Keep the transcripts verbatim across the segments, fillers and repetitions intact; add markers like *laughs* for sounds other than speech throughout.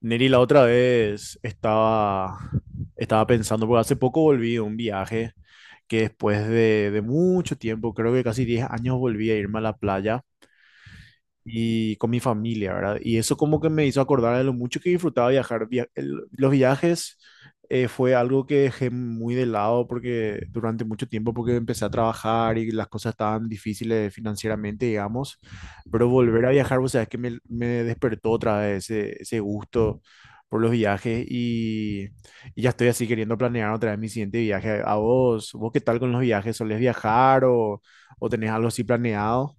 Neri, la otra vez estaba, estaba pensando, porque hace poco volví de un viaje que después de, de mucho tiempo, creo que casi diez años volví a irme a la playa y con mi familia, ¿verdad? Y eso como que me hizo acordar de lo mucho que disfrutaba viajar. Via- el- los viajes eh, fue algo que dejé muy de lado porque durante mucho tiempo porque empecé a trabajar y las cosas estaban difíciles financieramente, digamos, pero volver a viajar, o sea, es que me, me despertó otra vez ese, ese gusto por los viajes y, y ya estoy así queriendo planear otra vez mi siguiente viaje. ¿A vos? ¿Vos qué tal con los viajes? ¿Solés viajar o, o tenés algo así planeado?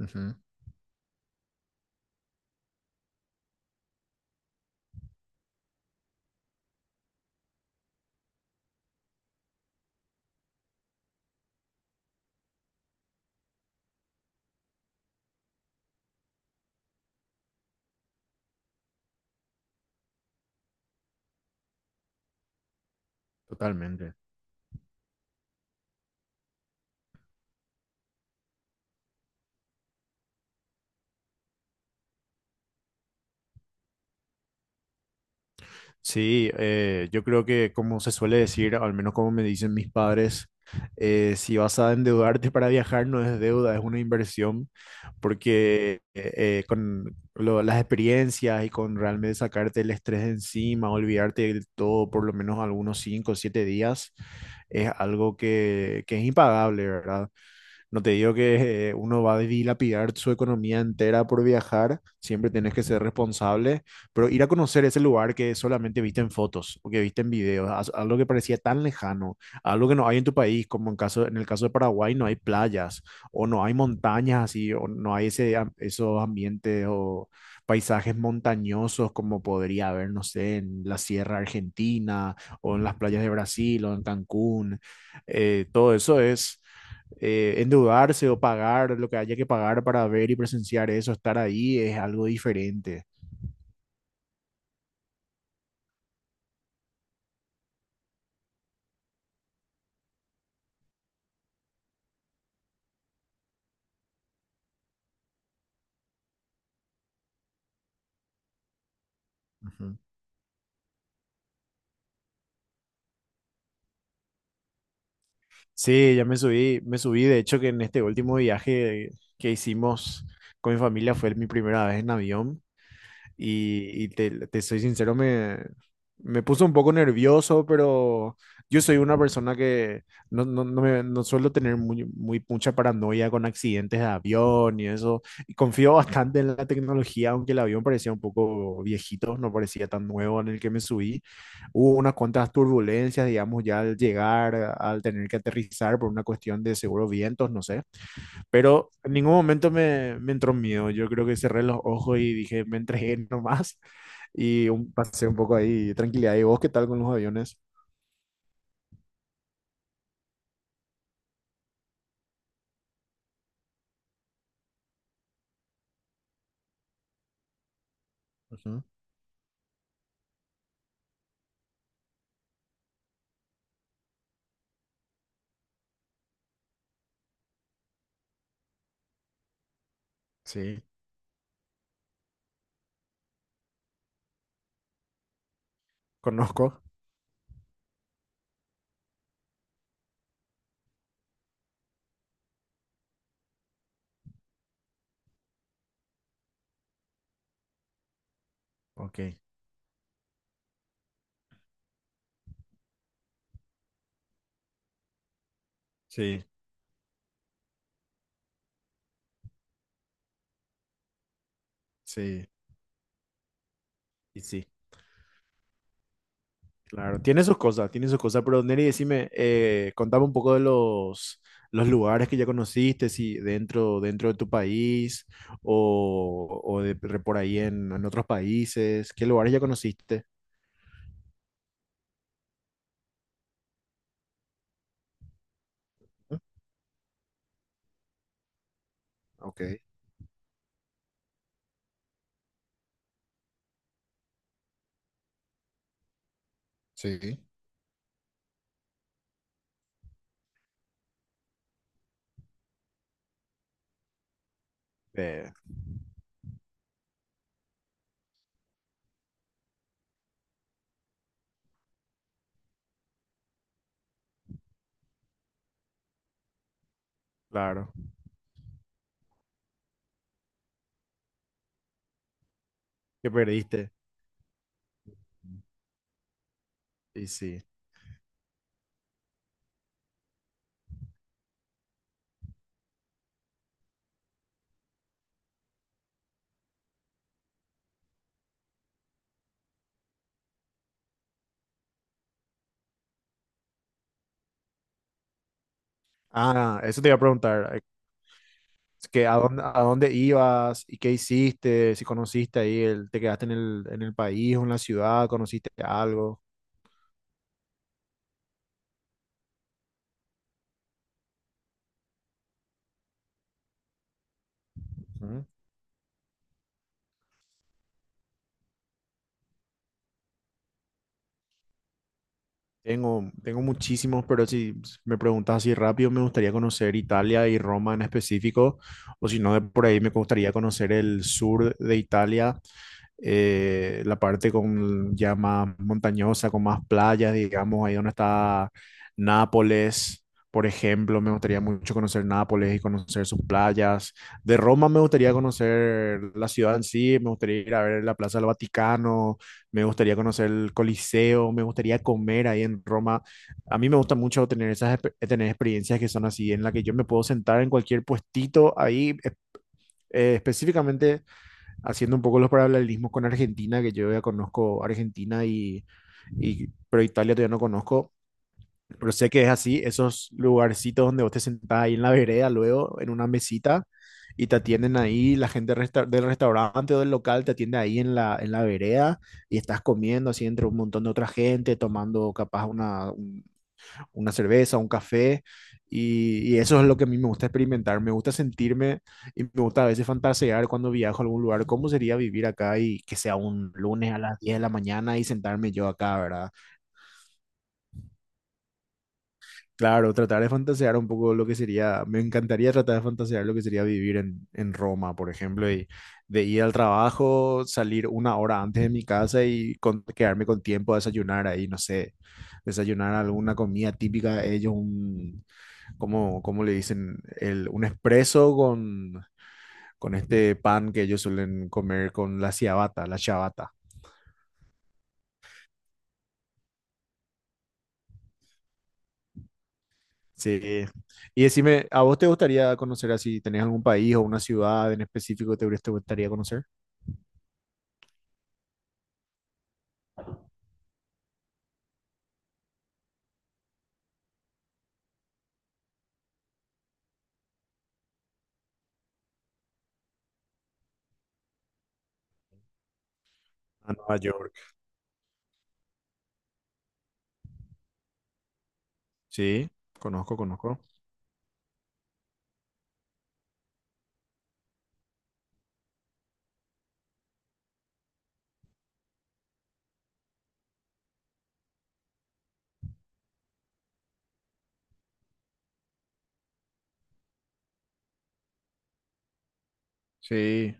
Ujú, totalmente. Sí, eh, yo creo que como se suele decir, al menos como me dicen mis padres, eh, si vas a endeudarte para viajar no es deuda, es una inversión, porque eh, eh, con lo- las experiencias y con realmente sacarte el estrés de encima, olvidarte de todo por lo menos algunos cinco o siete días, es algo que, que es impagable, ¿verdad? No te digo que eh, uno va a dilapidar su economía entera por viajar, siempre tenés que ser responsable, pero ir a conocer ese lugar que solamente viste en fotos o que viste en videos, as- algo que parecía tan lejano, algo que no hay en tu país, como en caso, en el caso de Paraguay no hay playas o no hay montañas así, o no hay ese, am- esos ambientes o paisajes montañosos como podría haber, no sé, en la Sierra Argentina o en las playas de Brasil o en Cancún. Eh, todo eso es eh, endeudarse o pagar lo que haya que pagar para ver y presenciar eso, estar ahí es algo diferente. Ujú. Sí, ya me subí, me subí. De hecho, que en este último viaje que hicimos con mi familia fue mi primera vez en avión. Y, y te, te soy sincero, me, me puso un poco nervioso, pero yo soy una persona que no, no, no, me- no suelo tener muy, muy, mucha paranoia con accidentes de avión y eso. Y confío bastante en la tecnología, aunque el avión parecía un poco viejito, no parecía tan nuevo en el que me subí. Hubo unas cuantas turbulencias, digamos, ya al llegar, al tener que aterrizar por una cuestión de seguro vientos, no sé. Pero en ningún momento me, me entró miedo. Yo creo que cerré los ojos y dije, me entregué *laughs* nomás. Y un, pasé un poco ahí de tranquilidad. ¿Y vos qué tal con los aviones? Ujú. Sí, conozco. Ok. Sí, sí, y sí. Claro, tiene sus cosas, tiene sus cosas. Pero Neri, decime, eh, contame un poco de los, los lugares que ya conociste, si dentro, dentro de tu país o, o de, por ahí en, en otros países. ¿Qué lugares ya conociste? Ok, sí. Claro, que perdiste. Y sí. Ah, eso te iba a preguntar, eh, que a dónde, a dónde ibas y qué hiciste, si conociste ahí, el, te quedaste en el, en el país o en la ciudad, conociste algo. Ujú. Tengo, tengo muchísimos, pero si me preguntas así rápido, me gustaría conocer Italia y Roma en específico, o si no, de por ahí me gustaría conocer el sur de Italia, eh, la parte con ya más montañosa, con más playas, digamos, ahí donde está Nápoles, por ejemplo, me gustaría mucho conocer Nápoles y conocer sus playas. De Roma me gustaría conocer la ciudad en sí, me gustaría ir a ver la Plaza del Vaticano, me gustaría conocer el Coliseo, me gustaría comer ahí en Roma. A mí me gusta mucho tener esas exper- tener experiencias que son así, en la que yo me puedo sentar en cualquier puestito ahí, eh, eh, específicamente haciendo un poco los paralelismos con Argentina, que yo ya conozco Argentina y, y- pero Italia todavía no conozco, pero sé que es así, esos lugarcitos donde vos te sentás ahí en la vereda, luego en una mesita y te atienden ahí, la gente resta- del restaurante o del local te atiende ahí en la, en la vereda y estás comiendo así entre un montón de otra gente, tomando capaz una, un una cerveza, un café, y, y eso es lo que a mí me gusta experimentar, me gusta sentirme y me gusta a veces fantasear cuando viajo a algún lugar, cómo sería vivir acá y que sea un lunes a las diez de la mañana y sentarme yo acá, ¿verdad? Claro, tratar de fantasear un poco lo que sería, me encantaría tratar de fantasear lo que sería vivir en, en Roma, por ejemplo, y de ir al trabajo, salir una hora antes de mi casa y con- quedarme con tiempo a desayunar ahí, no sé, desayunar alguna comida típica de ellos, ¿cómo, ¿cómo le dicen? El, un espresso con, con este pan que ellos suelen comer con la ciabatta, la ciabatta. Sí. Y decime, ¿a vos te gustaría conocer así? ¿Tenés algún país o una ciudad en específico que te hubiera- te gustaría conocer? A Nueva York. Sí, conozco, conozco. Sí.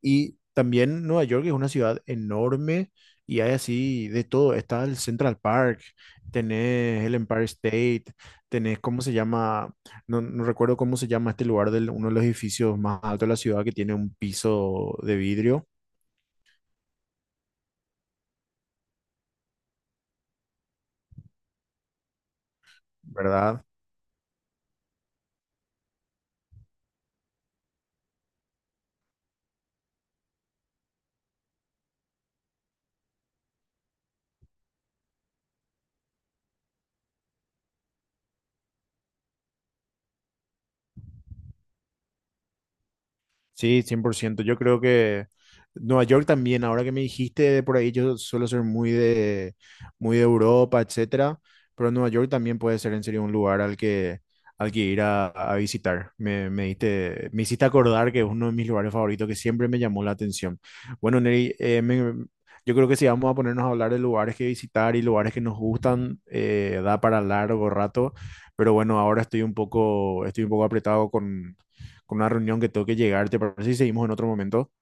Y también Nueva York es una ciudad enorme y hay así de todo. Está el Central Park, tenés el Empire State, tenés, ¿cómo se llama? No, no recuerdo cómo se llama este lugar de uno de los edificios más altos de la ciudad que tiene un piso de vidrio, ¿verdad? Sí, cien por ciento. Yo creo que Nueva York también, ahora que me dijiste por ahí, yo suelo ser muy de, muy de Europa, etcétera, pero Nueva York también puede ser en serio un lugar al que, al que ir a, a visitar. Me, me diste- me hiciste acordar que es uno de mis lugares favoritos que siempre me llamó la atención. Bueno, Neri, eh, me- yo creo que si vamos a ponernos a hablar de lugares que visitar y lugares que nos gustan, eh, da para largo rato, pero bueno, ahora estoy un poco, estoy un poco apretado con una reunión que tengo que llegar, ¿te parece si seguimos en otro momento?